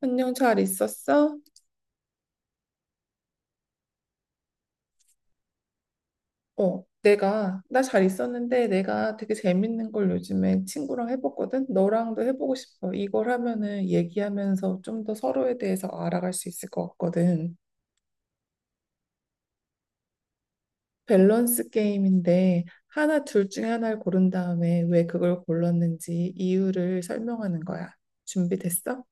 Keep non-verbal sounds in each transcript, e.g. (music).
안녕, 잘 있었어? 나 잘 있었는데 내가 되게 재밌는 걸 요즘에 친구랑 해봤거든? 너랑도 해보고 싶어. 이걸 하면은 얘기하면서 좀 더 서로에 대해서 알아갈 수 있을 것 같거든. 밸런스 게임인데 하나, 둘 중에 하나를 고른 다음에 왜 그걸 골랐는지 이유를 설명하는 거야. 준비됐어?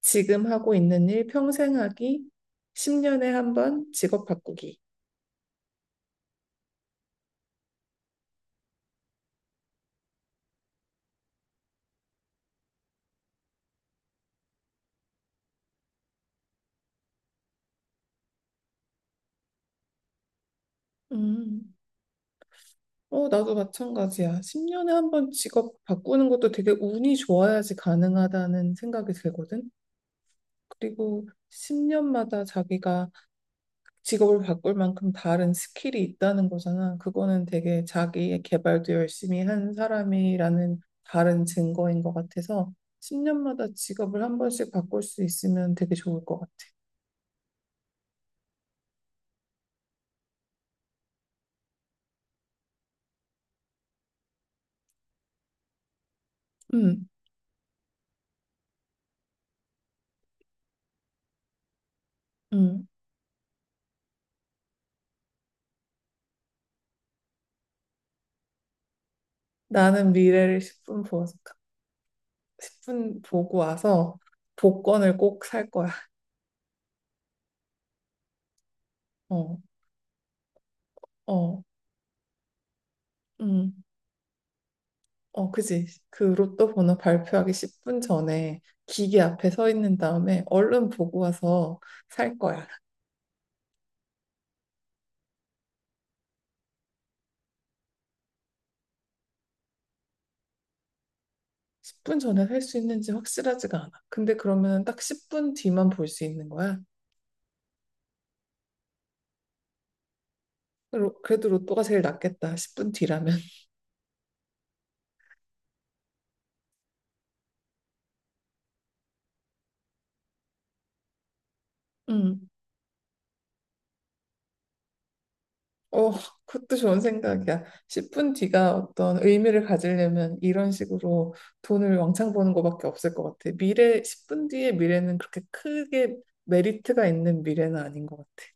지금 하고 있는 일 평생 하기, 10년에 한 번 직업 바꾸기. 음. 어, 나도 마찬가지야. 10년에 한 번 직업 바꾸는 것도 되게 운이 좋아야지 가능하다는 생각이 들거든. 그리고 10년마다 자기가 직업을 바꿀 만큼 다른 스킬이 있다는 거잖아. 그거는 되게 자기의 개발도 열심히 한 사람이라는 다른 증거인 것 같아서 10년마다 직업을 한 번씩 바꿀 수 있으면 되게 좋을 것 같아. 음, 음. 나는 미래를 10분 보고 와서 복권을 꼭 살 거야. 어. 어. 음, 어, 그지. 그 로또 번호 발표하기 10분 전에 기계 앞에 서 있는 다음에 얼른 보고 와서 살 거야. 10분 전에 살 수 있는지 확실하지가 않아. 근데 그러면 딱 10분 뒤만 볼 수 있는 거야. 그래도 로또가 제일 낫겠다. 10분 뒤라면. (laughs) 음, 어, 그것도 좋은 생각이야. 10분 뒤가 어떤 의미를 가지려면 이런 식으로 돈을 왕창 버는 것밖에 없을 것 같아. 미래, 10분 뒤의 미래는 그렇게 크게 메리트가 있는 미래는 아닌 것 같아.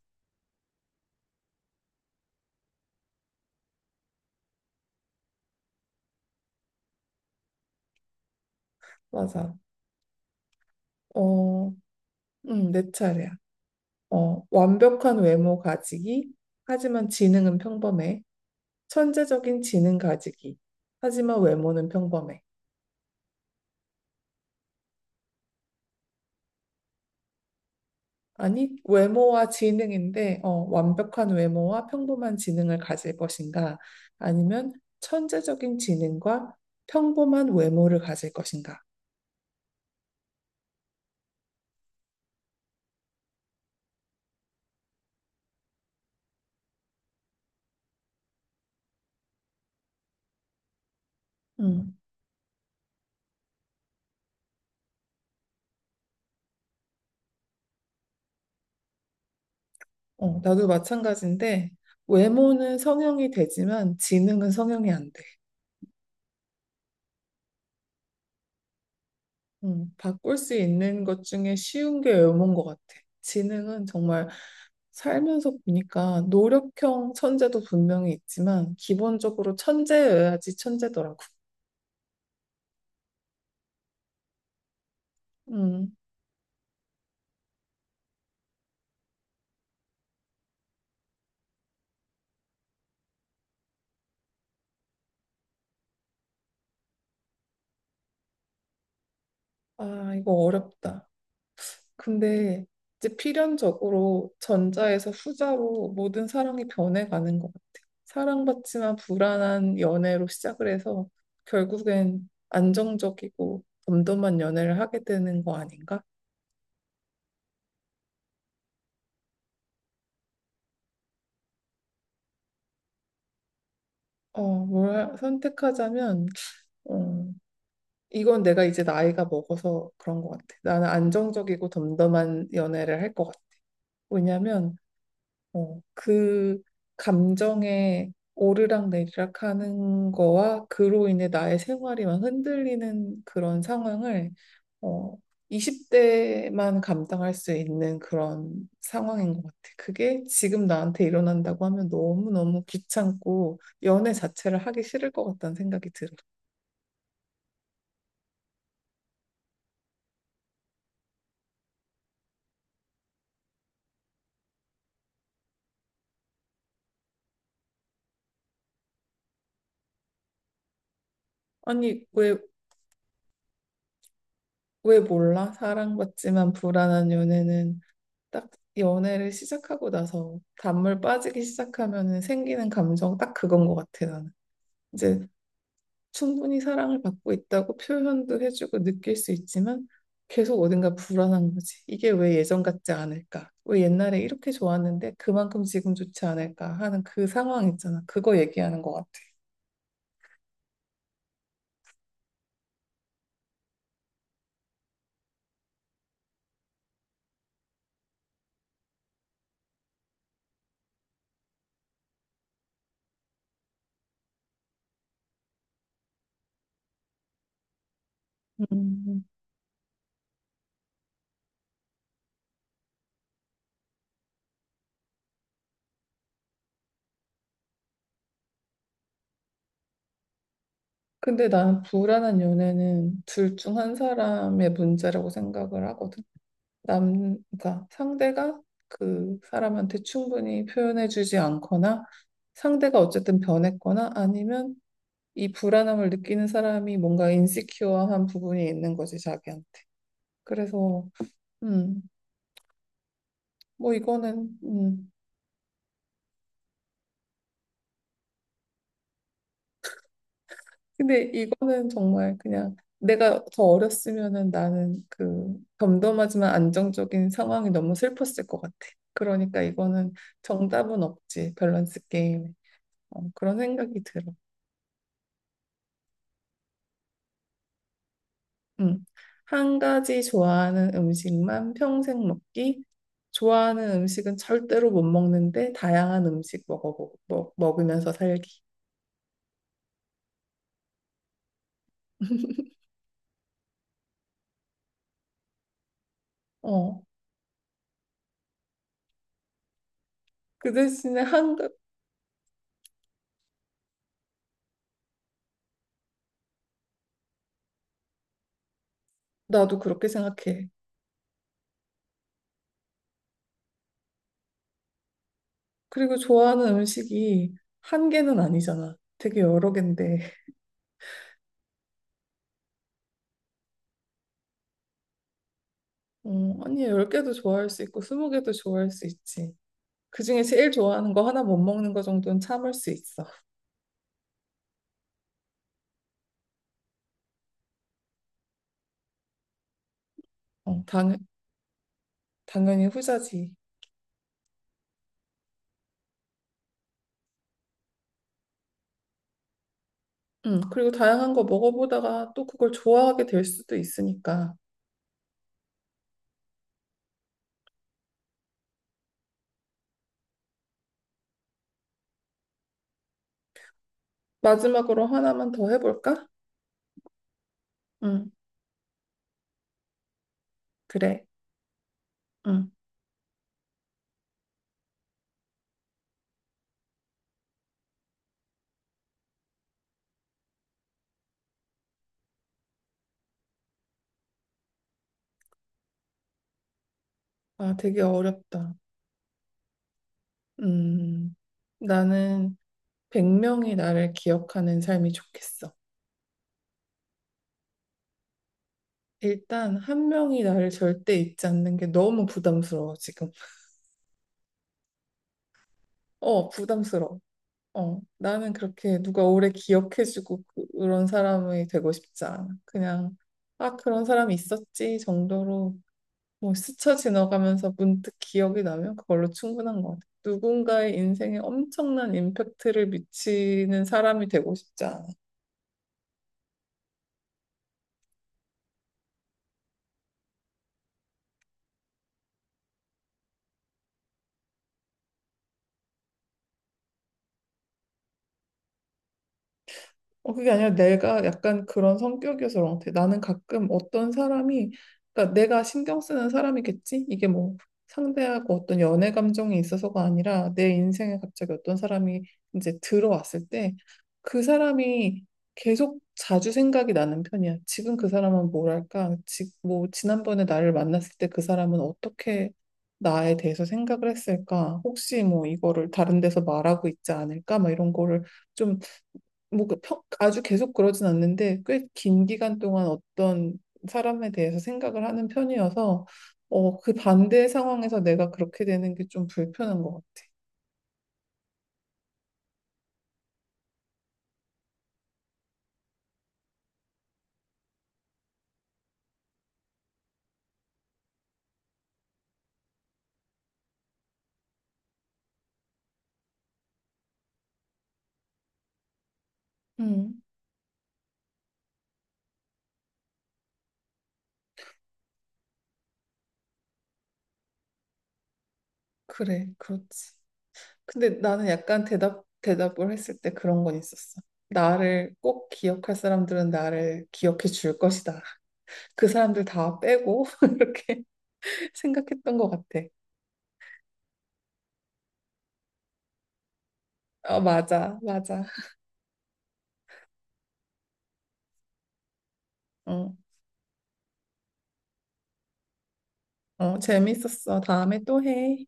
맞아. 어, 내 차례야. 어, 완벽한 외모 가지기, 하지만 지능은 평범해. 천재적인 지능 가지기, 하지만 외모는 평범해. 아니, 외모와 지능인데, 어, 완벽한 외모와 평범한 지능을 가질 것인가? 아니면 천재적인 지능과 평범한 외모를 가질 것인가? 음, 어, 나도 마찬가지인데, 외모는 성형이 되지만 지능은 성형이 안 돼. 바꿀 수 있는 것 중에 쉬운 게 외모인 것 같아. 지능은 정말 살면서 보니까 노력형 천재도 분명히 있지만 기본적으로 천재여야지 천재더라고. 음, 아, 이거 어렵다. 근데 이제 필연적으로 전자에서 후자로 모든 사랑이 변해가는 것 같아. 사랑받지만 불안한 연애로 시작을 해서 결국엔 안정적이고 덤덤한 연애를 하게 되는 거 아닌가? 어, 뭘 선택하자면, 어, 이건 내가 이제 나이가 먹어서 그런 것 같아. 나는 안정적이고 덤덤한 연애를 할 것 같아. 왜냐면, 어, 그 감정에 오르락 내리락 하는 거와 그로 인해 나의 생활이 막 흔들리는 그런 상황을 어, 20대만 감당할 수 있는 그런 상황인 것 같아. 그게 지금 나한테 일어난다고 하면 너무너무 귀찮고 연애 자체를 하기 싫을 것 같다는 생각이 들어. 아니, 왜 몰라? 사랑받지만 불안한 연애는 딱 연애를 시작하고 나서 단물 빠지기 시작하면 생기는 감정 딱 그건 것 같아 나는. 이제 충분히 사랑을 받고 있다고 표현도 해주고 느낄 수 있지만 계속 어딘가 불안한 거지. 이게 왜 예전 같지 않을까? 왜 옛날에 이렇게 좋았는데 그만큼 지금 좋지 않을까 하는 그 상황 있잖아. 그거 얘기하는 것 같아. 음. 근데 나는 불안한 연애는 둘 중 한 사람의 문제라고 생각을 하거든. 남, 그러니까 상대가 그 사람한테 충분히 표현해주지 않거나 상대가 어쨌든 변했거나 아니면 이 불안함을 느끼는 사람이 뭔가 인시큐어한 부분이 있는 거지, 자기한테. 그래서, 음, 뭐 이거는, 근데 이거는 정말 그냥 내가 더 어렸으면은 나는 그 덤덤하지만 안정적인 상황이 너무 슬펐을 것 같아. 그러니까 이거는 정답은 없지, 밸런스 게임에. 어, 그런 생각이 들어. 음, 한 가지 좋아하는 음식만 평생 먹기. 좋아하는 음식은 절대로 못 먹는데 다양한 음식 먹으면서 살기. 어. 그 대신에 나도 그렇게 생각해. 그리고 좋아하는 음식이 한 개는 아니잖아. 되게 여러 개인데. 어, 아니 10개도 좋아할 수 있고 20개도 좋아할 수 있지. 그중에 제일 좋아하는 거 하나 못 먹는 거 정도는 참을 수 있어. 어, 당연히 후자지. 그리고 다양한 거 먹어보다가 또 그걸 좋아하게 될 수도 있으니까. 마지막으로 하나만 더 해볼까? 응, 그래. 응 아, 되게 어렵다. 음, 나는 100명이 나를 기억하는 삶이 좋겠어. 일단 한 명이 나를 절대 잊지 않는 게 너무 부담스러워, 지금. 어, 부담스러워. 어, 나는 그렇게 누가 오래 기억해주고 그런 사람이 되고 싶지 않아. 그냥, 아, 그런 사람이 있었지 정도로 뭐 스쳐 지나가면서 문득 기억이 나면 그걸로 충분한 것 같아요. 누군가의 인생에 엄청난 임팩트를 미치는 사람이 되고 싶지 않아요. 어, 그게 아니라 내가 약간 그런 성격이어서 그런 것 같아. 나는 가끔 어떤 사람이, 그러니까 내가 신경 쓰는 사람이겠지? 이게 뭐 상대하고 어떤 연애 감정이 있어서가 아니라 내 인생에 갑자기 어떤 사람이 이제 들어왔을 때 그 사람이 계속 자주 생각이 나는 편이야. 지금 그 사람은 뭐랄까? 뭐 지난번에 나를 만났을 때 그 사람은 어떻게 나에 대해서 생각을 했을까? 혹시 뭐 이거를 다른 데서 말하고 있지 않을까? 막 이런 거를 좀 뭐 아주 계속 그러진 않는데 꽤 긴 기간 동안 어떤 사람에 대해서 생각을 하는 편이어서 어, 그 반대 상황에서 내가 그렇게 되는 게 좀 불편한 것 같아. 음, 그래, 그렇지. 근데 나는 약간 대답을 했을 때 그런 건 있었어. 나를 꼭 기억할 사람들은 나를 기억해 줄 것이다. 그 사람들 다 빼고 (laughs) 이렇게 생각했던 것 같아. 어, 맞아, 맞아. 어, 어, 재밌었어. 다음에 또 해.